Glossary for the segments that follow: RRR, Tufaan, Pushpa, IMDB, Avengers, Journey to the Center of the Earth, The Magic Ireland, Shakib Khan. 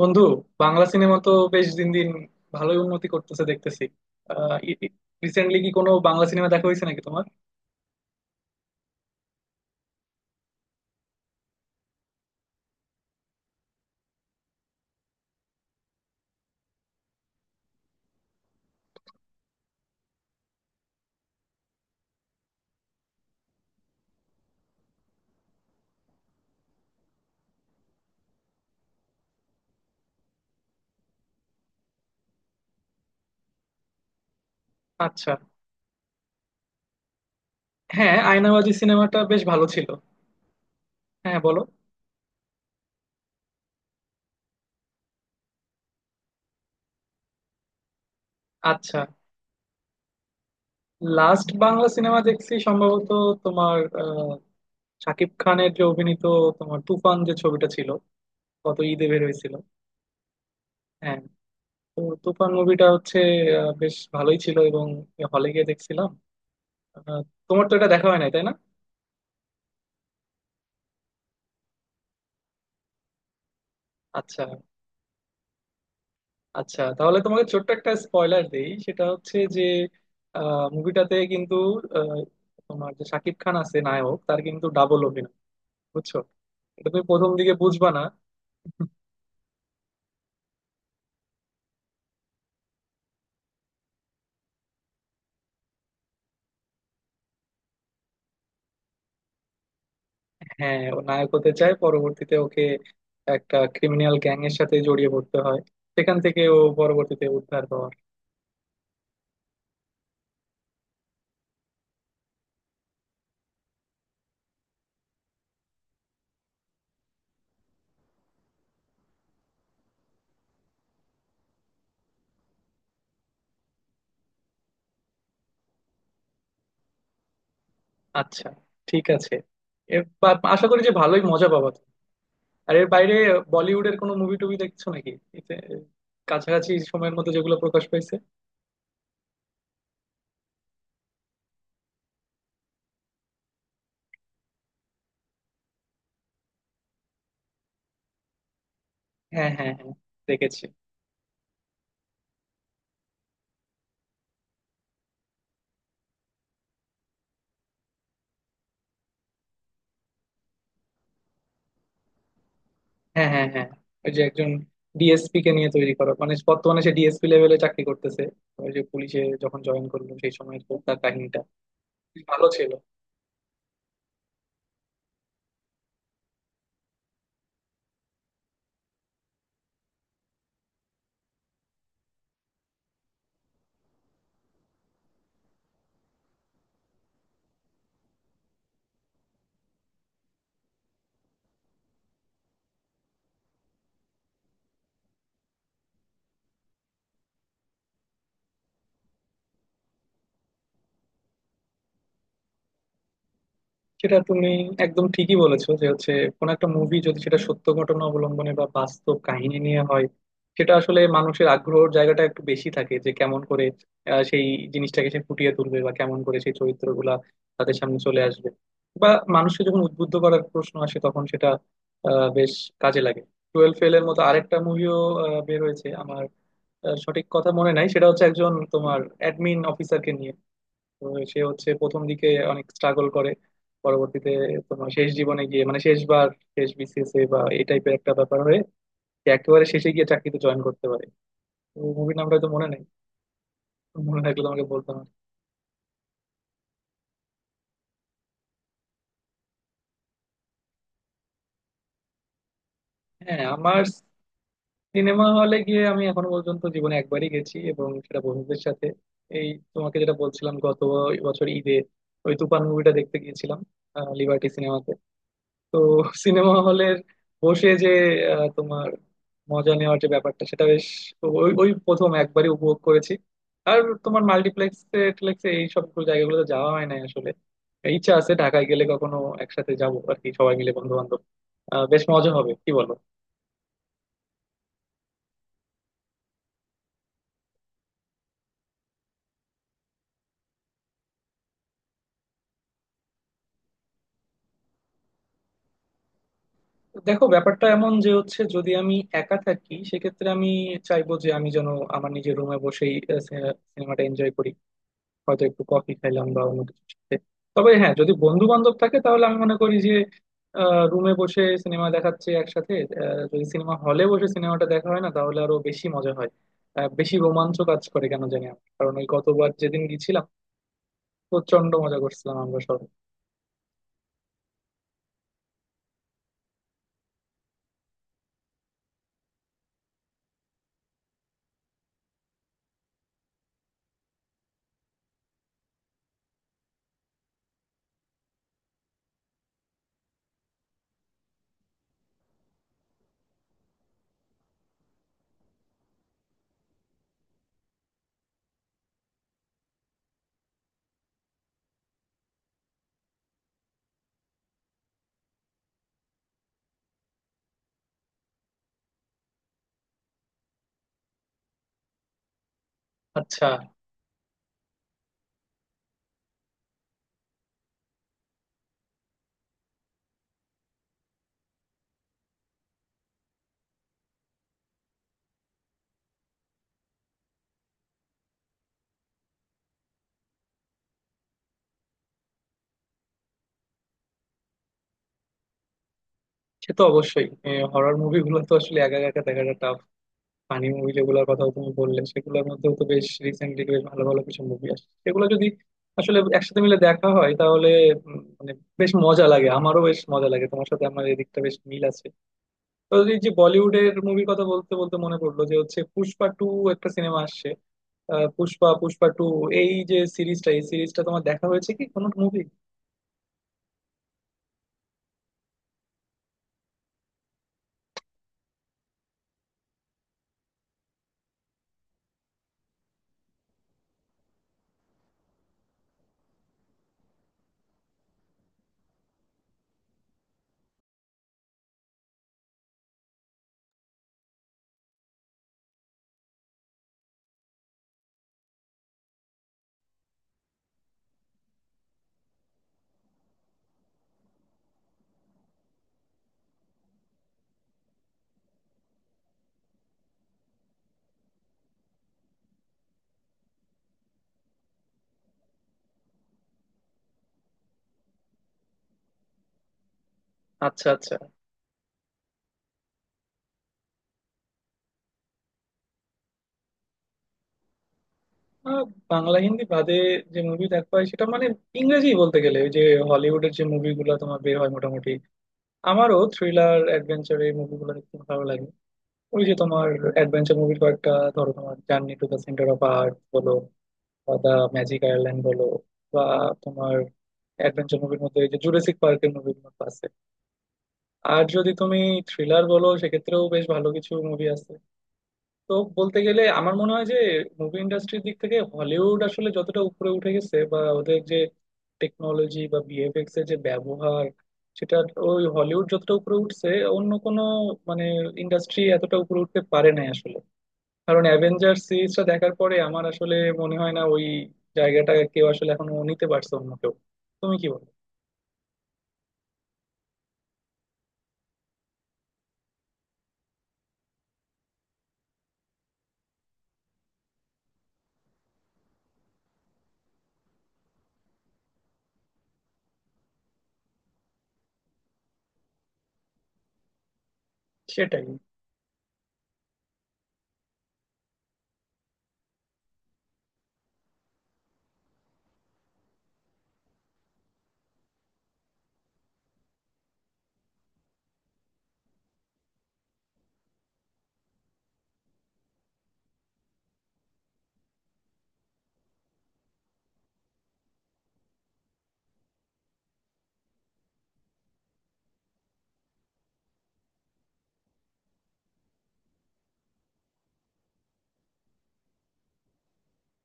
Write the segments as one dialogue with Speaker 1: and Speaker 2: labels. Speaker 1: বন্ধু, বাংলা সিনেমা তো বেশ দিন দিন ভালোই উন্নতি করতেছে দেখতেছি। রিসেন্টলি কি কোনো বাংলা সিনেমা দেখা হয়েছে নাকি তোমার? আচ্ছা। হ্যাঁ, আয়নাবাজি সিনেমাটা বেশ ভালো ছিল। হ্যাঁ, বলো। আচ্ছা, লাস্ট বাংলা সিনেমা দেখছি সম্ভবত তোমার শাকিব খানের যে অভিনীত তোমার তুফান যে ছবিটা ছিল, গত ঈদে বের হয়েছিল। হ্যাঁ। তো তুফান মুভিটা হচ্ছে বেশ ভালোই ছিল এবং হলে গিয়ে দেখছিলাম। আহ, তোমার তো এটা দেখা হয় নাই, তাই না? আচ্ছা আচ্ছা, তাহলে তোমাকে ছোট্ট একটা স্পয়লার দেই। সেটা হচ্ছে যে মুভিটাতে কিন্তু আহ, তোমার যে শাকিব খান আছে নায়ক, তার কিন্তু ডাবল অভিনয়। বুঝছো? এটা তুমি প্রথম দিকে বুঝবা না। হ্যাঁ, ও নায়ক হতে চায়, পরবর্তীতে ওকে একটা ক্রিমিনাল গ্যাং এর সাথে জড়িয়ে পড়তে হয়। সেখান থেকে ও পরবর্তীতে উদ্ধার হওয়ার। আচ্ছা, ঠিক আছে, এবার আশা করি যে ভালোই মজা পাবা তুমি। আর এর বাইরে বলিউডের কোনো মুভি টুভি দেখছো নাকি এতে- কাছাকাছি সময়ের মধ্যে যেগুলো প্রকাশ পাইছে? হ্যাঁ হ্যাঁ হ্যাঁ, দেখেছি। হ্যাঁ হ্যাঁ হ্যাঁ, ওই যে একজন ডিএসপি কে নিয়ে তৈরি করা, মানে বর্তমানে সে ডিএসপি লেভেলে চাকরি করতেছে, ওই যে পুলিশে যখন জয়েন করলো সেই সময় তার কাহিনীটা। ভালো ছিল। সেটা তুমি একদম ঠিকই বলেছো যে হচ্ছে কোন একটা মুভি যদি সেটা সত্য ঘটনা অবলম্বনে বা বাস্তব কাহিনী নিয়ে হয়, সেটা আসলে মানুষের আগ্রহের জায়গাটা একটু বেশি থাকে। যে কেমন করে সেই জিনিসটাকে সে ফুটিয়ে তুলবে বা কেমন করে সেই চরিত্রগুলা তাদের সামনে চলে আসবে, বা মানুষকে যখন উদ্বুদ্ধ করার প্রশ্ন আসে তখন সেটা বেশ কাজে লাগে। টুয়েলভ ফেল এর মতো আরেকটা মুভিও বের হয়েছে। আমার সঠিক কথা মনে নাই। সেটা হচ্ছে একজন তোমার অ্যাডমিন অফিসারকে নিয়ে। তো সে হচ্ছে প্রথম দিকে অনেক স্ট্রাগল করে, পরবর্তীতে তোমার শেষ জীবনে গিয়ে মানে শেষবার, শেষ বিসিএস এ বা এই টাইপের একটা ব্যাপার হয়ে সে একেবারে শেষে গিয়ে চাকরিতে জয়েন করতে পারে। তো মুভির নামটা হয়তো মনে নেই, মনে থাকলে তোমাকে বলতাম আর কি। হ্যাঁ আমার, সিনেমা হলে গিয়ে আমি এখনো পর্যন্ত জীবনে একবারই গেছি, এবং সেটা বন্ধুদের সাথে এই তোমাকে যেটা বলছিলাম গত বছর ঈদে ওই তুফান মুভিটা দেখতে গিয়েছিলাম লিবার্টি সিনেমাতে। তো সিনেমা হলের বসে যে তোমার মজা নেওয়ার যে ব্যাপারটা, সেটা বেশ ওই ওই প্রথম একবারই উপভোগ করেছি। আর তোমার মাল্টিপ্লেক্সে টিপ্লেক্সে এই সব জায়গাগুলোতে যাওয়া হয় নাই আসলে। ইচ্ছা আছে ঢাকায় গেলে কখনো একসাথে যাবো আর কি, সবাই মিলে বন্ধু বান্ধব। বেশ মজা হবে, কি বলো? দেখো, ব্যাপারটা এমন যে হচ্ছে যদি আমি একা থাকি সেক্ষেত্রে আমি চাইবো যে আমি যেন আমার নিজের রুমে বসেই সিনেমাটা এনজয় করি, হয়তো একটু কফি খাইলাম বা অন্য কিছু সাথে। তবে হ্যাঁ, যদি বন্ধু বান্ধব থাকে তাহলে আমি মনে করি যে রুমে বসে সিনেমা দেখাচ্ছে একসাথে যদি সিনেমা হলে বসে সিনেমাটা দেখা হয় না তাহলে আরো বেশি মজা হয়, বেশি রোমাঞ্চ কাজ করে কেন জানি আমার। কারণ ওই গতবার যেদিন গেছিলাম প্রচন্ড মজা করছিলাম আমরা সবাই। আচ্ছা। সে তো অবশ্যই। হরর মুভিগুলো তো আসলে একা একা দেখাটা, ফানি মুভি যেগুলোর কথা তুমি বললে, সেগুলোর মধ্যেও তো বেশ রিসেন্টলি বেশ ভালো ভালো কিছু মুভি আসছে। সেগুলো যদি আসলে একসাথে মিলে দেখা হয় তাহলে মানে বেশ মজা লাগে, আমারও বেশ মজা লাগে। তোমার সাথে আমার এদিকটা বেশ মিল আছে। তো এই যে বলিউডের মুভির কথা বলতে বলতে মনে পড়লো যে হচ্ছে পুষ্পা টু একটা সিনেমা আসছে। আহ, পুষ্পা পুষ্পা টু, এই যে সিরিজটা, এই সিরিজটা তোমার দেখা হয়েছে কি কোনো মুভি? আচ্ছা আচ্ছা। আহ, বাংলা হিন্দি বাদে যে মুভি দেখা হয় সেটা মানে ইংরেজি বলতে গেলে ওই যে হলিউডের যে মুভিগুলো তোমার বের হয় মোটামুটি, আমারও থ্রিলার অ্যাডভেঞ্চার এই মুভিগুলো দেখতে ভালো লাগে। ওই যে তোমার অ্যাডভেঞ্চার মুভি কয়েকটা ধরো, তোমার journey to the centre of earth বলো বা দ্য ম্যাজিক আয়ারল্যান্ড বলো, বা তোমার অ্যাডভেঞ্চার মুভির মধ্যে এই যে জুরাসিক পার্কের মুভিগুলো আছে। আর যদি তুমি থ্রিলার বলো, সেক্ষেত্রেও বেশ ভালো কিছু মুভি আছে। তো বলতে গেলে আমার মনে হয় যে মুভি ইন্ডাস্ট্রির দিক থেকে হলিউড আসলে যতটা উপরে উঠে গেছে বা ওদের যে টেকনোলজি বা ভিএফএক্স এর যে ব্যবহার, সেটা, ওই হলিউড যতটা উপরে উঠছে অন্য কোনো মানে ইন্ডাস্ট্রি এতটা উপরে উঠতে পারে নাই আসলে। কারণ অ্যাভেঞ্জার সিরিজটা দেখার পরে আমার আসলে মনে হয় না ওই জায়গাটা কেউ আসলে এখনো নিতে পারছে অন্য কেউ। তুমি কি বলো? সেটাই।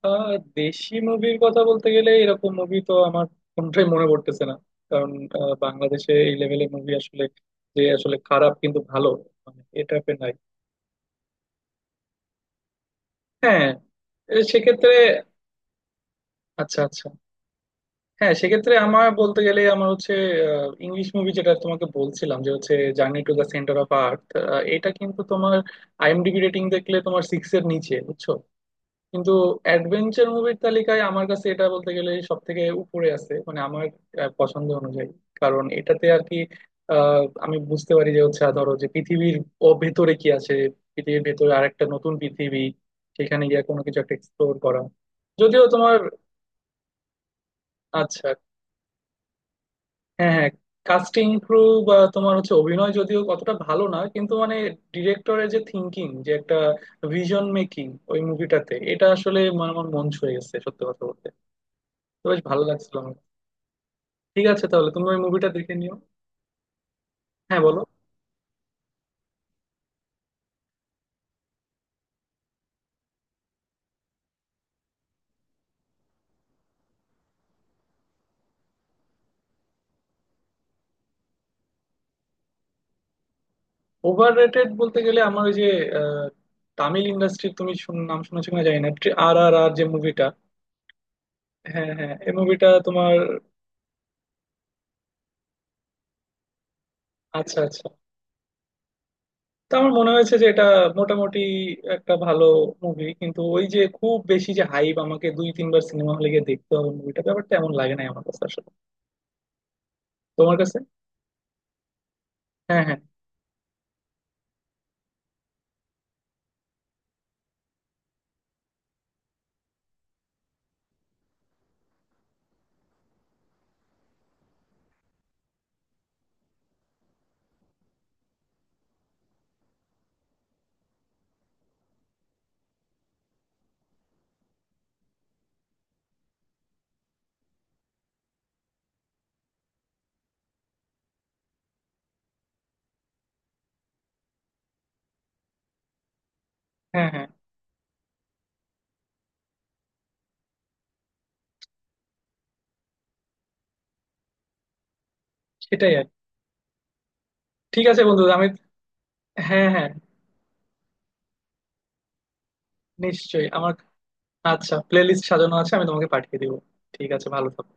Speaker 1: আহ, দেশি মুভির কথা বলতে গেলে এরকম মুভি তো আমার কোনটাই মনে পড়তেছে না। কারণ বাংলাদেশে এই লেভেলের মুভি আসলে, যে আসলে খারাপ কিন্তু ভালো মানে এ টাইপের নাই। হ্যাঁ, এ সেক্ষেত্রে আচ্ছা আচ্ছা, হ্যাঁ সেক্ষেত্রে আমার বলতে গেলে আমার হচ্ছে ইংলিশ মুভি যেটা তোমাকে বলছিলাম, যে হচ্ছে journey to the centre of earth. এটা কিন্তু তোমার আইএমডিবি রেটিং দেখলে তোমার সিক্স এর নিচে, বুঝছো? কিন্তু অ্যাডভেঞ্চার মুভির তালিকায় আমার কাছে এটা বলতে গেলে সব থেকে উপরে আছে, মানে আমার পছন্দ অনুযায়ী। কারণ এটাতে আর কি আমি বুঝতে পারি যে হচ্ছে, ধরো যে পৃথিবীর ও ভেতরে কি আছে, পৃথিবীর ভেতরে আরেকটা নতুন পৃথিবী, সেখানে গিয়ে কোনো কিছু একটা এক্সপ্লোর করা। যদিও তোমার আচ্ছা হ্যাঁ হ্যাঁ, কাস্টিং ক্রু বা তোমার হচ্ছে অভিনয় যদিও কতটা ভালো না কিন্তু মানে ডিরেক্টরের যে থিঙ্কিং, যে একটা ভিশন মেকিং ওই মুভিটাতে, এটা আসলে মানে আমার মন ছুঁয়ে গেছে সত্যি কথা বলতে। তো বেশ ভালো লাগছিল আমার। ঠিক আছে, তাহলে তুমি ওই মুভিটা দেখে নিও। হ্যাঁ, বলো। ওভার রেটেড বলতে গেলে আমার ওই যে আহ, তামিল ইন্ডাস্ট্রির তুমি নাম শুনেছো কিনা জানি না, আর আর আর যে মুভিটা। হ্যাঁ হ্যাঁ, এই মুভিটা তোমার, আচ্ছা আচ্ছা, তো আমার মনে হয়েছে যে এটা মোটামুটি একটা ভালো মুভি, কিন্তু ওই যে খুব বেশি যে হাইপ, আমাকে দুই তিনবার সিনেমা হলে গিয়ে দেখতে হবে মুভিটা, ব্যাপারটা এমন লাগে না আমার কাছে আসলে। তোমার কাছে? হ্যাঁ হ্যাঁ হ্যাঁ হ্যাঁ, সেটাই আর কি। ঠিক আছে বন্ধু, আমি, হ্যাঁ হ্যাঁ, নিশ্চয়ই আমার আচ্ছা প্লে লিস্ট সাজানো আছে, আমি তোমাকে পাঠিয়ে দিব। ঠিক আছে, ভালো থাকো।